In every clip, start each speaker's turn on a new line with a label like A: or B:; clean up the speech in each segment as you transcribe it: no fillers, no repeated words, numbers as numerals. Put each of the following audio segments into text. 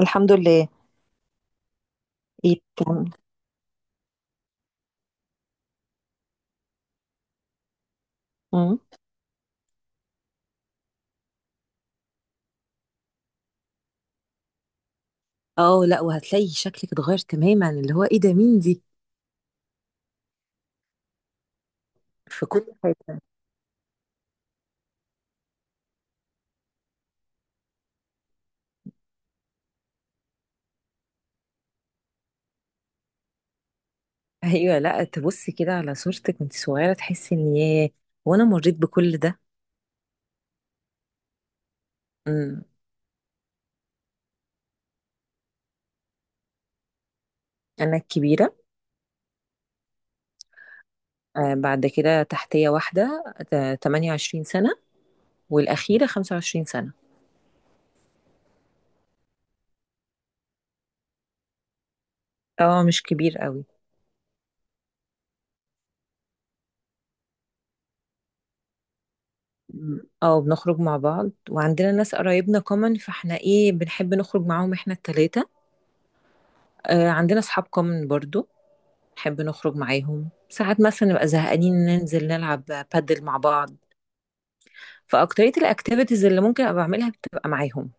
A: الحمد لله. ايه كان مم. اه لا، وهتلاقي شكلك اتغير تماما، اللي هو ايه ده، مين دي؟ في كل حاجه. ايوه، لا تبصي كده على صورتك وانت صغيره تحسي ان ياه، وانا مريت بكل ده. امم انا الكبيره. بعد كده تحتيه واحده، 28 سنه، والاخيره 25 سنه. اه مش كبير قوي. بنخرج مع بعض، وعندنا ناس قرايبنا كومن، فاحنا بنحب نخرج معاهم احنا التلاتة. عندنا اصحاب كومن برضو، نحب نخرج معاهم ساعات، مثلا نبقى زهقانين ننزل نلعب بادل مع بعض، فاكترية الاكتيفيتيز اللي ممكن ابقى بعملها بتبقى معاهم.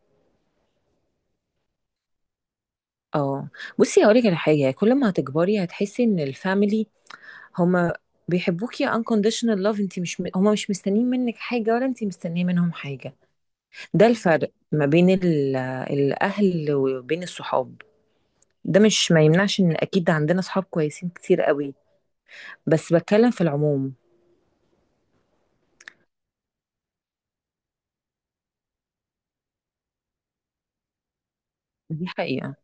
A: اه. بصي هقولك على حاجة، كل ما هتكبري هتحسي ان الفاميلي، هما بيحبوكي unconditional love. انت مش، هما مش مستنيين منك حاجة، ولا انت مستنية منهم حاجة. ده الفرق ما بين الاهل وبين الصحاب. ده مش ما يمنعش ان اكيد عندنا صحاب كويسين كتير قوي، بس بتكلم في العموم. دي حقيقة.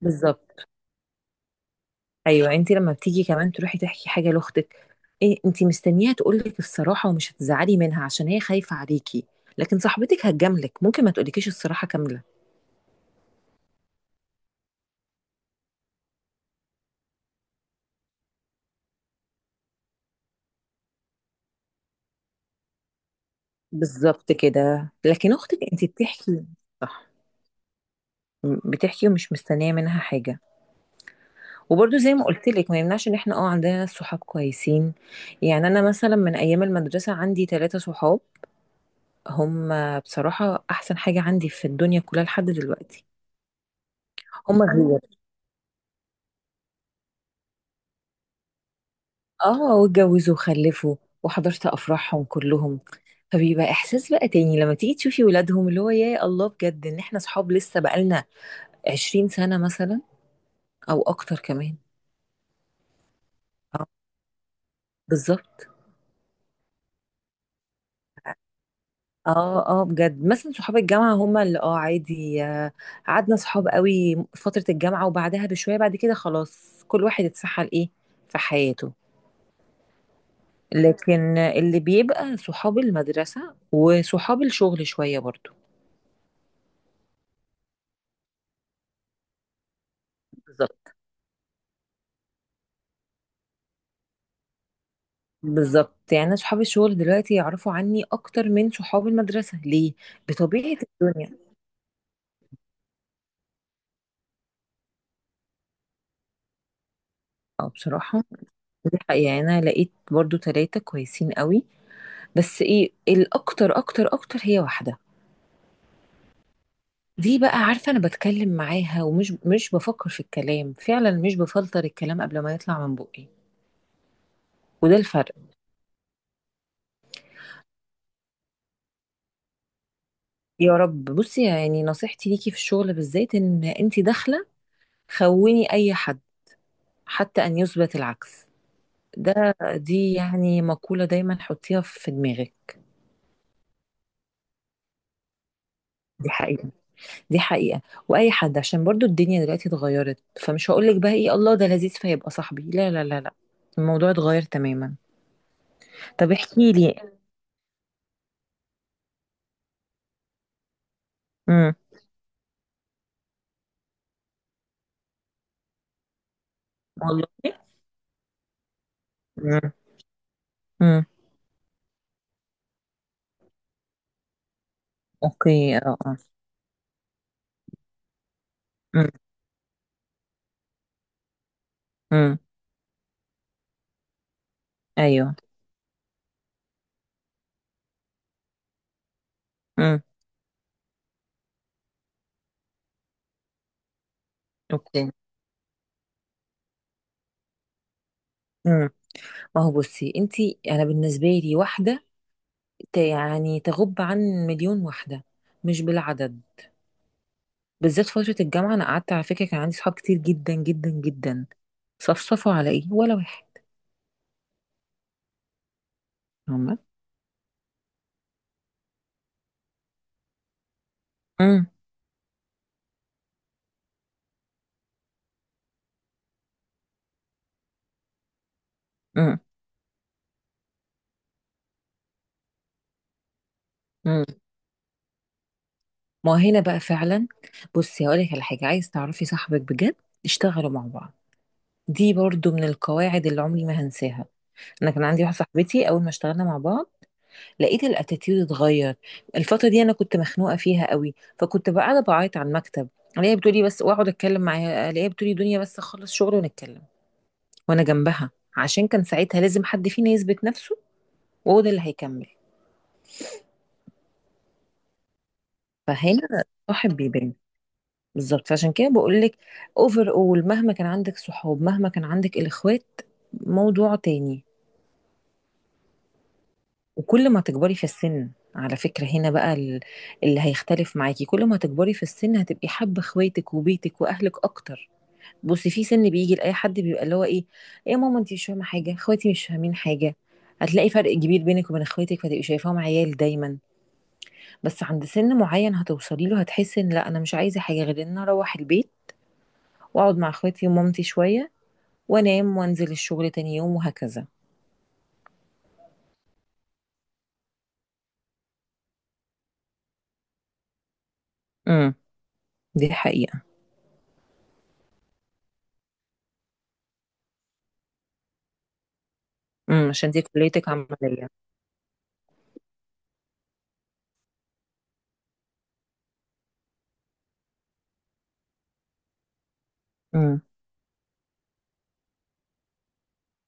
A: بالظبط. ايوه، انت لما بتيجي كمان تروحي تحكي حاجه لاختك، انت مستنياها تقولك الصراحه، ومش هتزعلي منها عشان هي خايفه عليكي. لكن صاحبتك هتجاملك، ممكن ما تقولكيش الصراحه كامله. بالظبط كده، لكن اختك انت بتحكي. صح. بتحكي ومش مستنيه منها حاجه. وبرده زي ما قلت لك، ما يمنعش ان احنا عندنا ناس صحاب كويسين. يعني انا مثلا من ايام المدرسه عندي ثلاثه صحاب، هم بصراحه احسن حاجه عندي في الدنيا كلها لحد دلوقتي. هم غير. اه، واتجوزوا وخلفوا، وحضرت افراحهم كلهم، فبيبقى احساس بقى تاني لما تيجي تشوفي ولادهم، اللي هو يا الله بجد، ان احنا صحاب لسه بقالنا 20 سنة مثلا، او اكتر كمان. اه، بالظبط. اه اه، بجد مثلا صحاب الجامعة، هما اللي عادي، قعدنا صحاب قوي فترة الجامعة، وبعدها بشوية بعد كده خلاص كل واحد اتسحل في حياته. لكن اللي بيبقى صحاب المدرسة وصحاب الشغل شوية برضو. بالظبط. بالظبط، يعني انا صحابي الشغل دلوقتي يعرفوا عني اكتر من صحاب المدرسه، ليه؟ بطبيعه الدنيا. اه بصراحه، دي حقيقة. يعني انا لقيت برضو ثلاثه كويسين قوي، بس ايه، الاكتر اكتر اكتر هي واحده. دي بقى عارفه، انا بتكلم معاها ومش مش بفكر في الكلام، فعلا مش بفلتر الكلام قبل ما يطلع من بقي، وده الفرق. يا رب. بصي يعني نصيحتي ليكي في الشغل بالذات، ان انت داخله خوني اي حد حتى ان يثبت العكس. دي يعني مقولة دايما حطيها في دماغك. دي حقيقة، دي حقيقة. وأي حد، عشان برضو الدنيا دلوقتي اتغيرت، فمش هقولك بقى إيه الله ده لذيذ فيبقى صاحبي، لا لا لا لا، الموضوع اتغير تماما. طب احكي لي. امم والله. امم امم اوكي. اه اه. امم امم ايوه. امم اوكي. امم ما هو بصي انتي، انا بالنسبه لي واحده، يعني تغب عن مليون واحده، مش بالعدد. بالذات فترة الجامعة أنا قعدت، على فكرة كان عندي صحاب كتير جدا جدا جدا، صفصفوا على إيه، ولا واحد. هما. امم امم امم ما هنا بقى فعلا. بصي هقول لك على حاجة، عايز تعرفي صاحبك بجد؟ اشتغلوا مع بعض. دي برضو من القواعد اللي عمري ما هنساها. انا كان عندي واحده صاحبتي، اول ما اشتغلنا مع بعض لقيت الاتيتيود اتغير. الفتره دي انا كنت مخنوقه فيها قوي، فكنت بقى قاعده بعيط على المكتب، الاقيها بتقولي بس، واقعد اتكلم معاها الاقيها بتقولي دنيا بس اخلص شغل ونتكلم، وانا جنبها. عشان كان ساعتها لازم حد فينا يثبت نفسه، وهو ده اللي هيكمل. فهنا صاحب بيبان. بالظبط، فعشان كده بقول لك، اوفر اول، مهما كان عندك صحاب، مهما كان عندك الاخوات موضوع تاني. وكل ما تكبري في السن، على فكرة هنا بقى اللي هيختلف معاكي، كل ما تكبري في السن هتبقي حابة اخواتك وبيتك واهلك اكتر. بصي في سن بيجي لاي حد، بيبقى اللي هو ايه، ايه يا ماما انت مش فاهمه حاجه، اخواتي مش فاهمين حاجه، هتلاقي فرق كبير بينك وبين اخواتك، فتبقي شايفاهم عيال دايما. بس عند سن معين هتوصلي له، هتحسي ان لا، انا مش عايزه حاجه غير ان أنا اروح البيت واقعد مع اخواتي ومامتي شويه، وانام وانزل الشغل تاني يوم، وهكذا. امم دي حقيقه. عشان دي كليتك عمليه. امم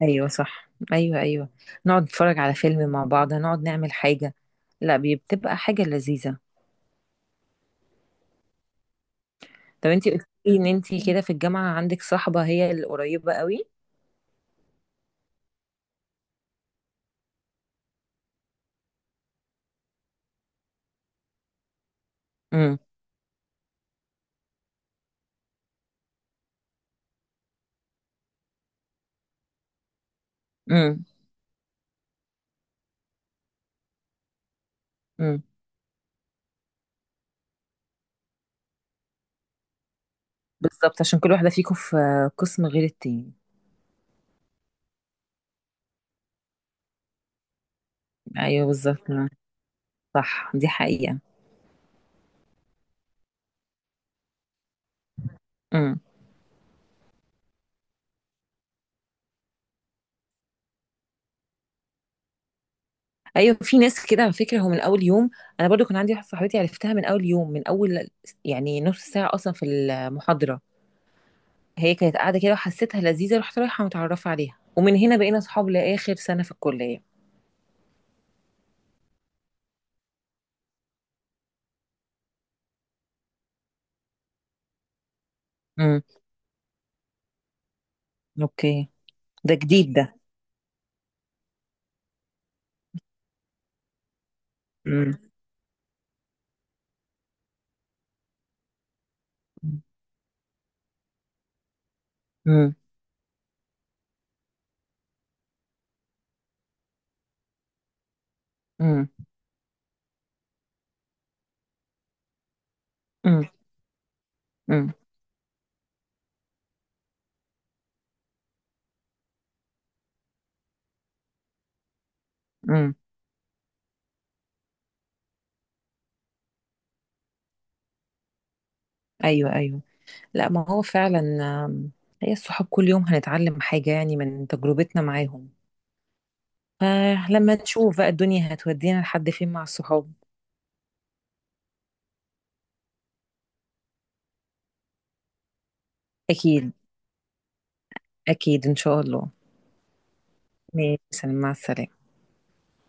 A: ايوه صح، ايوه ايوه، نقعد نتفرج على فيلم مع بعض، نقعد نعمل حاجه. لا، بتبقى حاجه لذيذه. طب انتي قلتي لي ان انتي كده في الجامعه عندك صاحبه، هي القريبه قوي. امم امم امم بالظبط، عشان كل واحده فيكم في قسم غير التاني. ايوه بالظبط، صح دي حقيقة. امم ايوه في ناس كده على فكرة، هو من اول يوم، انا برضو كان عندي واحدة صاحبتي عرفتها من اول يوم، من اول يعني نص ساعة اصلا في المحاضرة، هي كانت قاعدة كده وحسيتها لذيذة، رحت رايحة متعرفة عليها، ومن هنا بقينا اصحاب لاخر سنة في الكلية. امم اوكي. ده جديد ده. امم امم امم امم امم امم ايوه ايوه. لا ما هو فعلا. آم، هي الصحاب كل يوم هنتعلم حاجة يعني من تجربتنا معاهم، فلما نشوف بقى الدنيا هتودينا لحد فين مع الصحاب. أكيد، أكيد إن شاء الله. ماشي، مع السلامة.